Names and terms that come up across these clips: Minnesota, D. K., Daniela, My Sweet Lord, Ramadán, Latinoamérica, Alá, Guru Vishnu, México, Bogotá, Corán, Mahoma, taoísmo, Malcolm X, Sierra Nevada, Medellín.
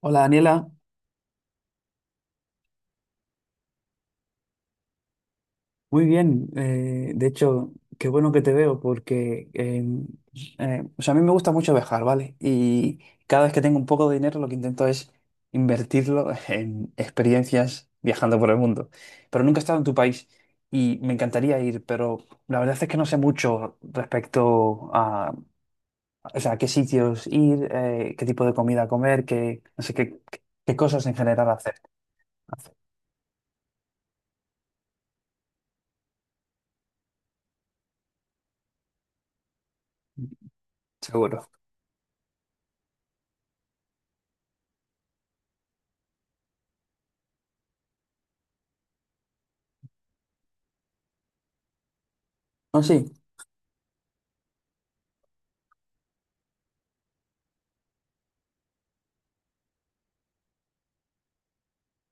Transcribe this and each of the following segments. Hola Daniela, muy bien. De hecho, qué bueno que te veo porque o sea, a mí me gusta mucho viajar, ¿vale? Y cada vez que tengo un poco de dinero lo que intento es invertirlo en experiencias viajando por el mundo. Pero nunca he estado en tu país y me encantaría ir, pero la verdad es que no sé mucho o sea, a qué sitios ir, qué tipo de comida comer, qué, no sé, qué, qué cosas en general hacer. Hacer. Seguro. No, sí,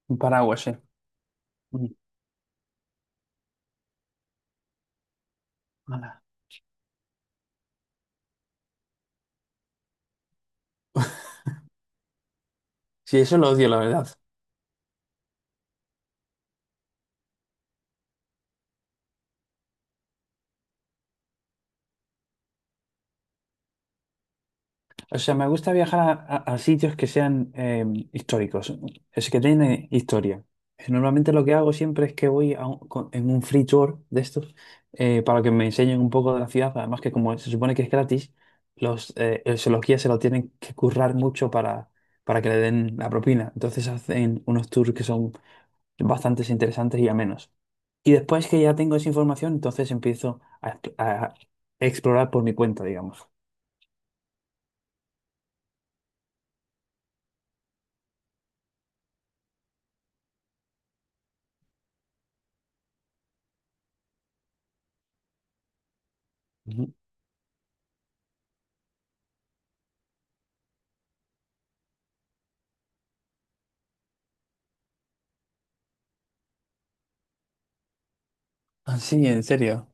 un paraguas, sí. Ala. Sí, eso lo odio, la verdad. O sea, me gusta viajar a, a sitios que sean históricos, es que tienen historia. Normalmente lo que hago siempre es que voy a en un free tour de estos para que me enseñen un poco de la ciudad. Además que como se supone que es gratis, se los guías se lo tienen que currar mucho para que le den la propina. Entonces hacen unos tours que son bastante interesantes y amenos. Y después que ya tengo esa información, entonces empiezo a explorar por mi cuenta, digamos. Ujú. Ah, sí, ¿en serio?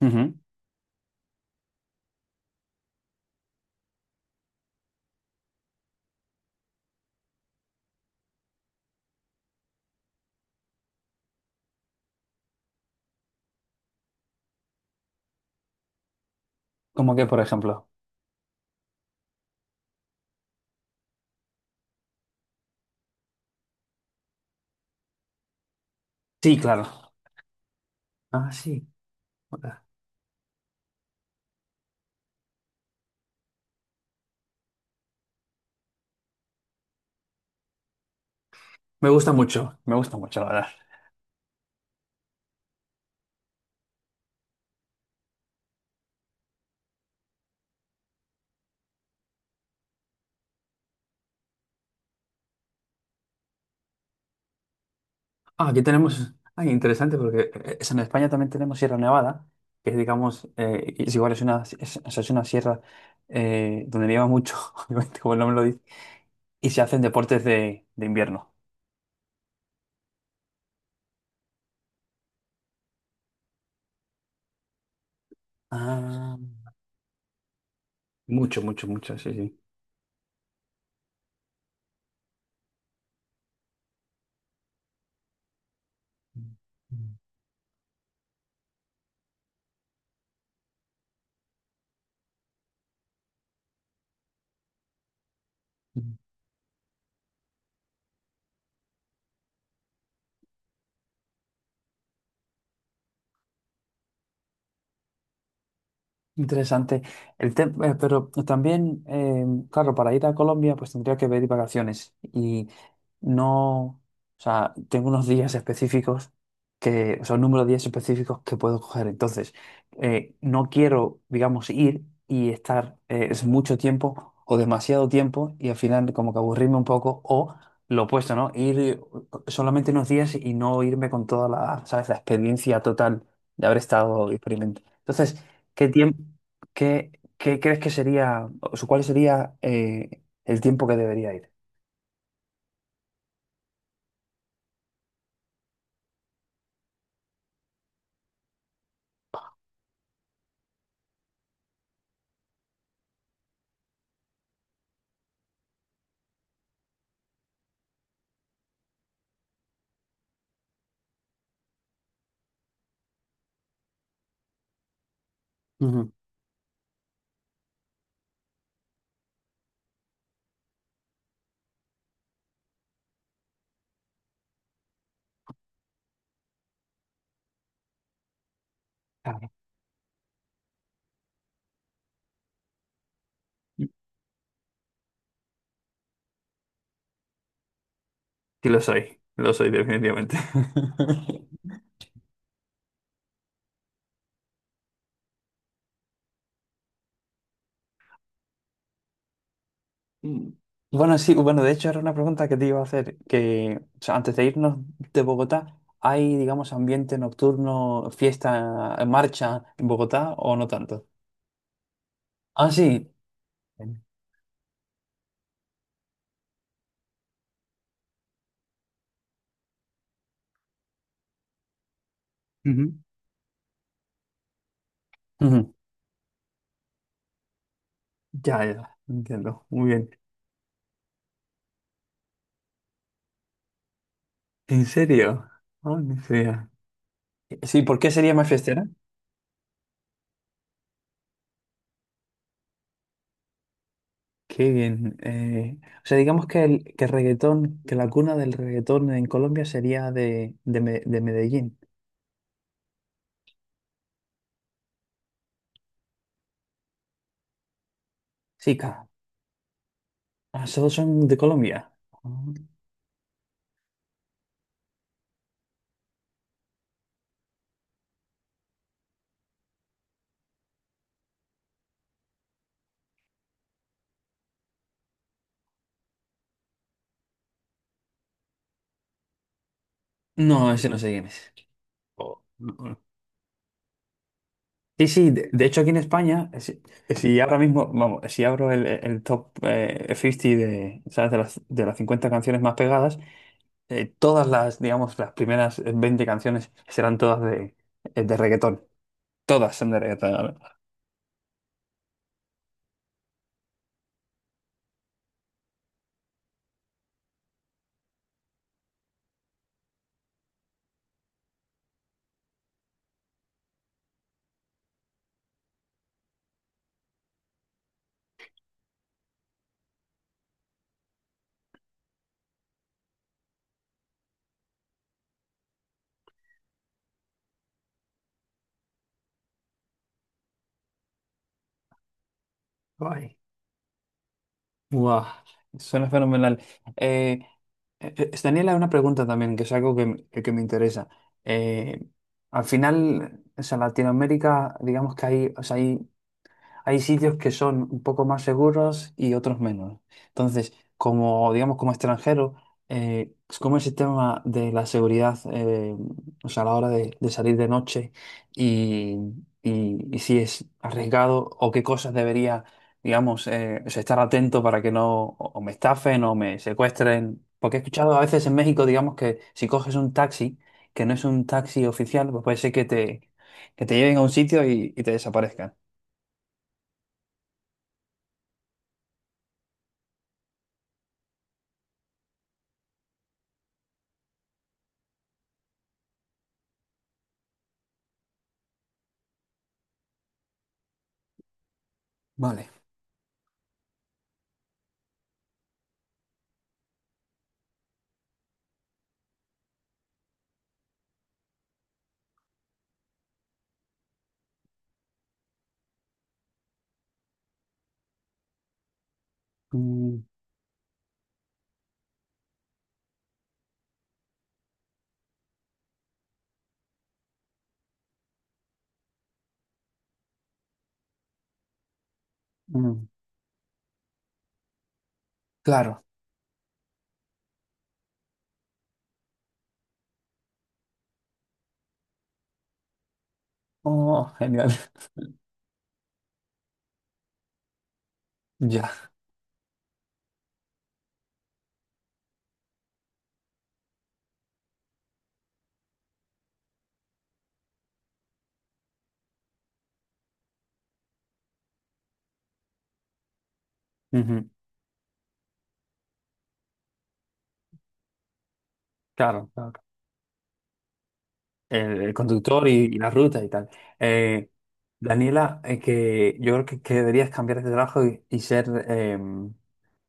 Ujú. Como que, por ejemplo. Sí, claro. Ah, sí. Hola. Me gusta mucho, la verdad. Ah, aquí tenemos, ah, interesante porque es, en España también tenemos Sierra Nevada, que es, digamos, es igual, es una, es, o sea, es una sierra donde nieva mucho, obviamente, como el nombre lo dice, y se hacen deportes de invierno. Ah, mucho, mucho, mucho, sí, sí. Interesante. Pero también, claro, para ir a Colombia, pues tendría que pedir vacaciones. Y no, o sea, tengo unos días específicos que, o sea, un número de días específicos que puedo coger. Entonces, no quiero, digamos, ir y estar es mucho tiempo o demasiado tiempo y al final como que aburrirme un poco o lo opuesto, ¿no? Ir solamente unos días y no irme con toda la, ¿sabes? La experiencia total de haber estado experimentando. Entonces, ¿qué tiempo, qué, qué crees que sería, o sea, cuál sería el tiempo que debería ir? Ujú. Claro. Y lo soy definitivamente. Mm. Bueno, sí, bueno, de hecho era una pregunta que te iba a hacer, que o sea, antes de irnos de Bogotá, ¿hay, digamos, ambiente nocturno, fiesta, marcha en Bogotá o no tanto? Ah, sí. Ujú. Ujú. Ya, ya, entiendo. Muy bien. ¿En serio? Ay, mi tía. Sí, ¿por qué sería más fiestera? Qué bien. O sea, digamos que el reggaetón, que la cuna del reggaetón en Colombia sería de, de Medellín. Sí, claro. Ah, todos son de Colombia. Ah. No, ese no sé quién es. Oh, no, no. Sí, sí, de hecho aquí en España, si, si ahora mismo, vamos, si abro el top 50 de, ¿sabes? De las 50 canciones más pegadas, todas las, digamos, las primeras 20 canciones serán todas de reggaetón. Todas son de reggaetón. Guay. Guau, suena fenomenal. Eh, Daniela, una pregunta también, que es algo que, que me interesa. Eh, Al final, o sea, Latinoamérica, digamos que hay, o sea, hay hay sitios que son un poco más seguros y otros menos. Entonces, como, digamos, como extranjero, eh, ¿cómo el sistema de la seguridad, o sea, a la hora de salir de noche y, y si es arriesgado o qué cosas debería, digamos, o sea, estar atento para que no o me estafen o me secuestren? Porque he escuchado a veces en México, digamos, que si coges un taxi, que no es un taxi oficial, pues puede ser que te lleven a un sitio y te desaparezcan. Vale. Mm, mm, claro. Oh, genial. Ya. Ujú, claro, claro. El conductor y la ruta y tal. Eh, Daniela, que yo creo que deberías cambiar de trabajo y ser,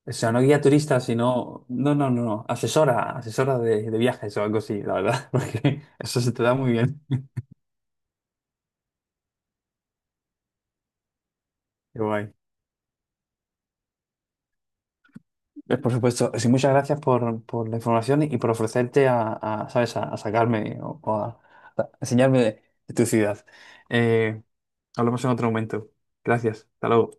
o sea, no guía turista, sino, no, no, no, no, asesora, asesora de viajes o algo así, la verdad, porque eso se te da muy bien. Qué guay. Por supuesto, sí, muchas gracias por la información y por ofrecerte a, ¿sabes? A sacarme o a enseñarme de tu ciudad. Eh, hablamos en otro momento. Gracias, hasta luego.